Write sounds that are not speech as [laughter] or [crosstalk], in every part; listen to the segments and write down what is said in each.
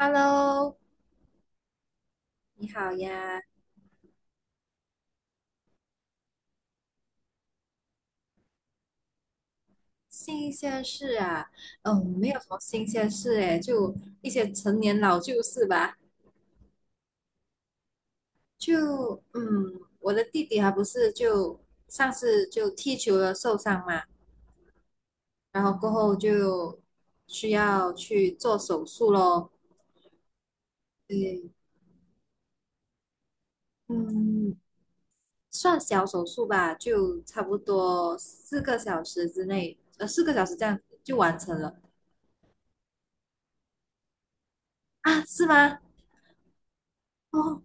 Hello，你好呀。新鲜事啊？没有什么新鲜事诶，就一些陈年老旧事吧。我的弟弟还不是就上次就踢球了受伤嘛，然后过后就需要去做手术咯。对。嗯，算小手术吧，就差不多四个小时之内，四个小时这样就完成了。啊？是吗？哦。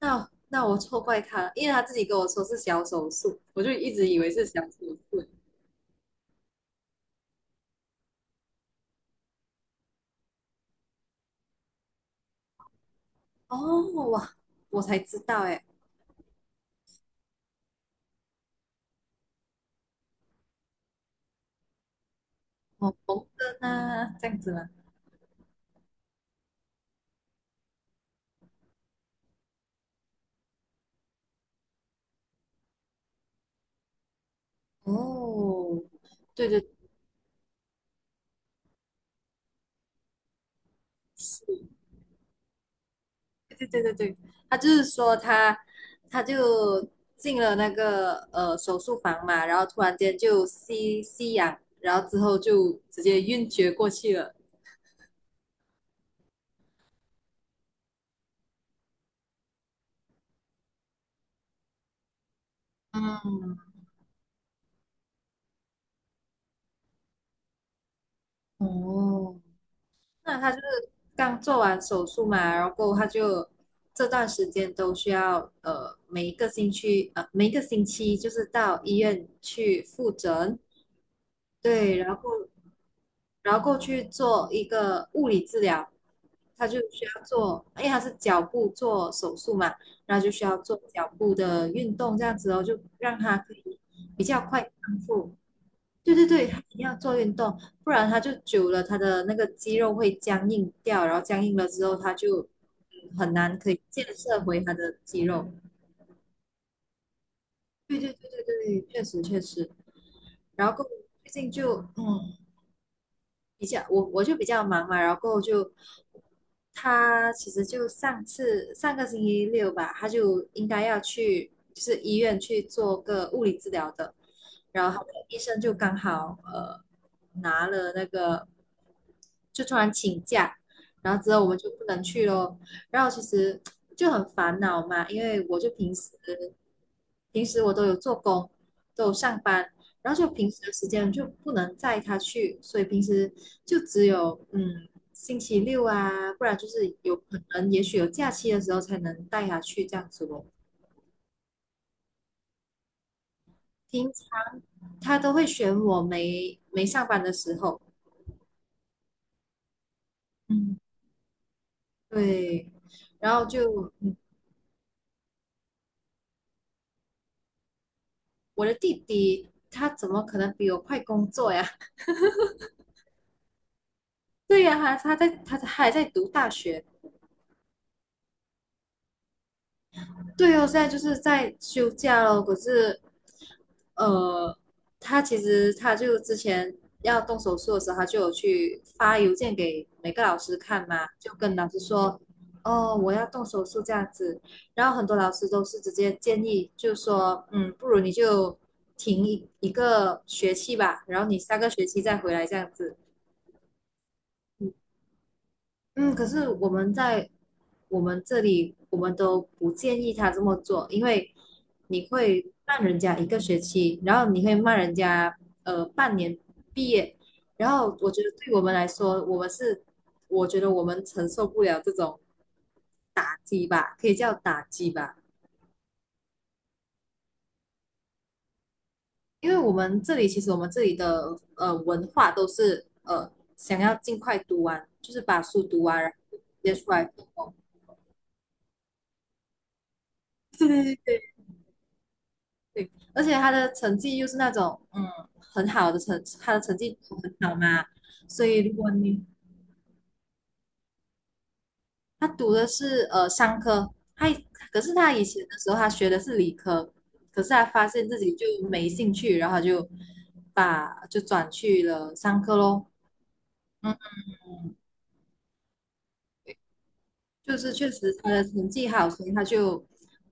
那我错怪他了，因为他自己跟我说是小手术，我就一直以为是小手术。哦，哇，我才知道哎。哦，缝针啊，这样子吗？哦，对对是对对对对对，他就是说他进了那个手术房嘛，然后突然间就吸吸氧，然后之后就直接晕厥过去了。嗯。哦，那他就是刚做完手术嘛，然后他就这段时间都需要每一个星期每一个星期就是到医院去复诊。对，然后过去做一个物理治疗，他就需要做，因为他是脚部做手术嘛，然后就需要做脚部的运动这样子哦，就让他可以比较快康复。对对对，他一定要做运动，不然他就久了，他的那个肌肉会僵硬掉，然后僵硬了之后，他就很难可以建设回他的肌肉。对对对对对，确实确实。然后过后最近就比较我就比较忙嘛，然后就他其实就上次上个星期六吧，他就应该要去就是医院去做个物理治疗的，然后他的医生就刚好拿了那个就突然请假，然后之后我们就不能去咯。然后其实就很烦恼嘛，因为我就平时我都有做工，都有上班，然后就平时的时间就不能载他去，所以平时就只有星期六啊，不然就是有可能也许有假期的时候才能带他去这样子哦。平常他都会选我没上班的时候。嗯，对，然后就我的弟弟他怎么可能比我快工作呀？[laughs] 对呀、他还在读大学。对哦，现在就是在休假咯，可是呃，他其实他就之前要动手术的时候，他就有去发邮件给每个老师看嘛，就跟老师说，哦，我要动手术这样子。然后很多老师都是直接建议，就说，嗯，不如你就停一个学期吧，然后你下个学期再回来这样子。嗯，可是我们在我们这里，我们都不建议他这么做，因为你会慢人家一个学期，然后你会骂人家半年毕业。然后我觉得对我们来说，我们是我觉得我们承受不了这种打击吧，可以叫打击吧。因为我们这里其实我们这里的文化都是想要尽快读完，就是把书读完，然后直接出来做工。对对对对，对，而且他的成绩又是那种很好的成，他的成绩很好嘛，所以如果你他读的是商科。他可是他以前的时候他学的是理科，可是他发现自己就没兴趣，然后他就把就转去了商科咯。嗯，就是确实他的成绩好，所以他就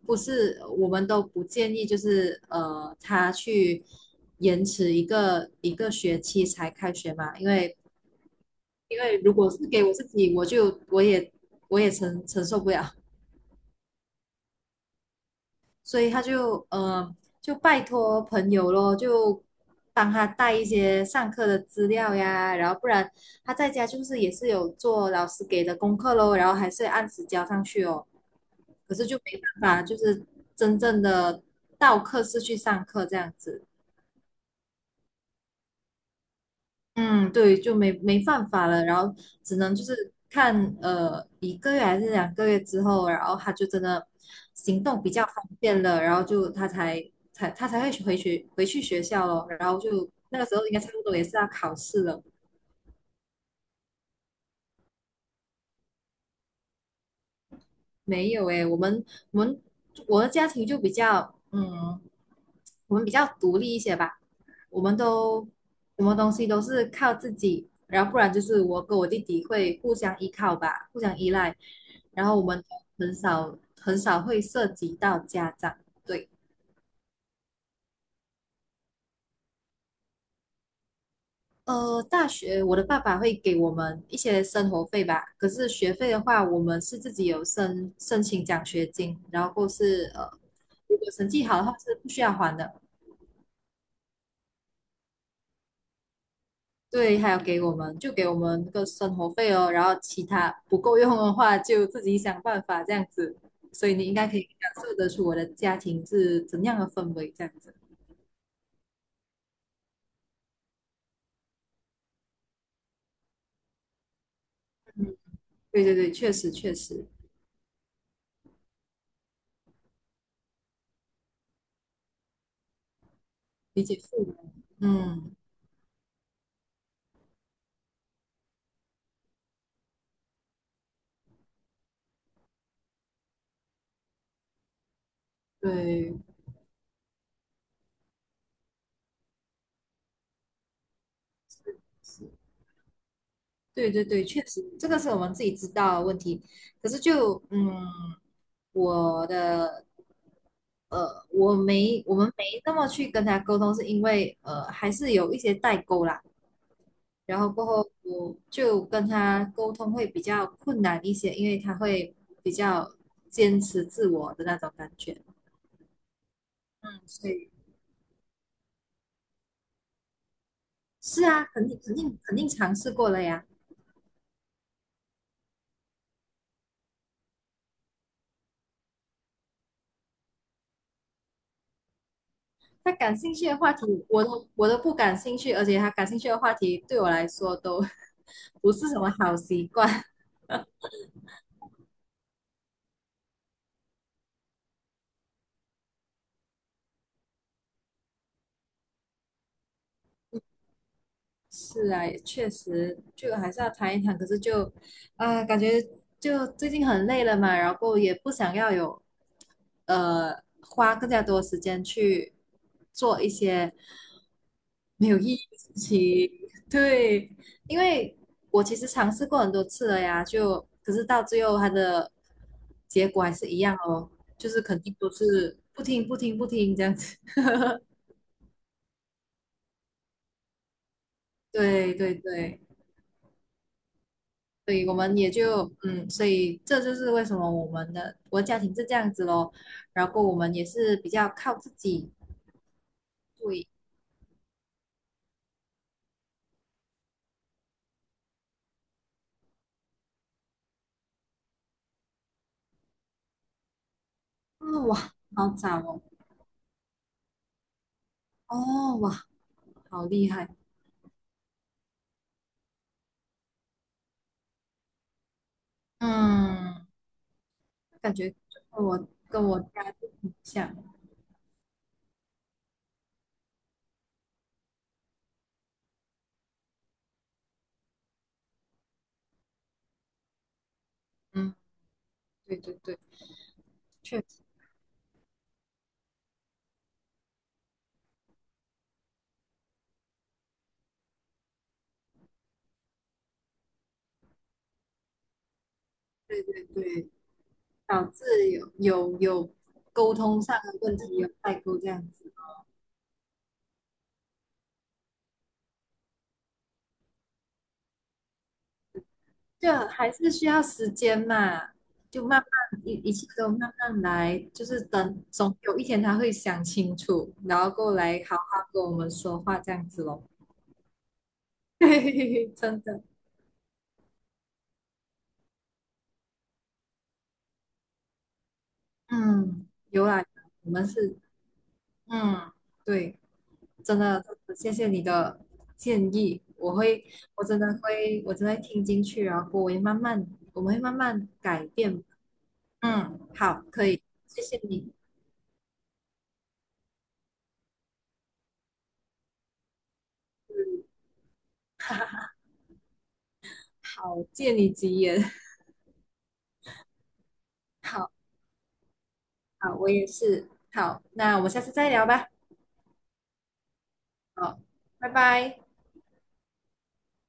不是我们都不建议，就是他去延迟一个学期才开学嘛，因为。因为如果是给我自己，我也承受不了。所以他就就拜托朋友咯，就帮他带一些上课的资料呀，然后不然他在家就是也是有做老师给的功课咯，然后还是按时交上去哦。可是就没办法，就是真正的到课室去上课这样子。嗯，对，就没办法了，然后只能就是看一个月还是两个月之后，然后他就真的行动比较方便了，然后就他才会去回去学校咯，然后就那个时候应该差不多也是要考试了。没有诶，我们我们我的家庭就比较嗯。我们比较独立一些吧，我们都什么东西都是靠自己，然后不然就是我跟我弟弟会互相依靠吧，互相依赖。然后我们很少会涉及到家长。对。大学我的爸爸会给我们一些生活费吧，可是学费的话，我们是自己有申请奖学金，然后或是如果成绩好的话是不需要还的。对，还有给我们就给我们那个生活费哦，然后其他不够用的话就自己想办法这样子。所以你应该可以感受得出我的家庭是怎样的氛围，这样子。嗯，对对对，确实确实理解父母。嗯，对对对对，确实这个是我们自己知道的问题。可是我的我们没那么去跟他沟通，是因为还是有一些代沟啦。然后过后我就跟他沟通会比较困难一些，因为他会比较坚持自我的那种感觉。嗯，所以是啊，肯定尝试过了呀。他感兴趣的话题，我都不感兴趣，而且他感兴趣的话题对我来说都 [laughs] 不是什么好习惯。[laughs] 是啊，也确实就还是要谈一谈，可是就，啊、感觉就最近很累了嘛，然后过后也不想要有呃花更加多时间去做一些没有意义的事情。[laughs] 对。因为我其实尝试过很多次了呀，就可是到最后它的结果还是一样哦，就是肯定都是不听这样子。[laughs] 对对对，所以我们也就嗯，所以这就是为什么我的家庭是这样子咯。然后我们也是比较靠自己。对。啊、哇，好早哦。哦哇，好厉害。嗯，感觉跟我家就很像。嗯，对对对，确实，对对对，导致有沟通上的问题，有代沟这样子。就还是需要时间嘛，就慢慢一切都慢慢来，就是等总有一天他会想清楚，然后过来好好跟我们说话这样子咯。[laughs] 嘿嘿嘿，真的。嗯，有啊，我们是。嗯，对。真的，谢谢你的建议，我会。我真的会，我真的会听进去，然后我会慢慢，我们会慢慢改变。嗯，好，可以，谢谢你。[laughs] 好，借你吉言。[laughs] 好，好，我也是。好，那我们下次再聊吧。好，拜拜。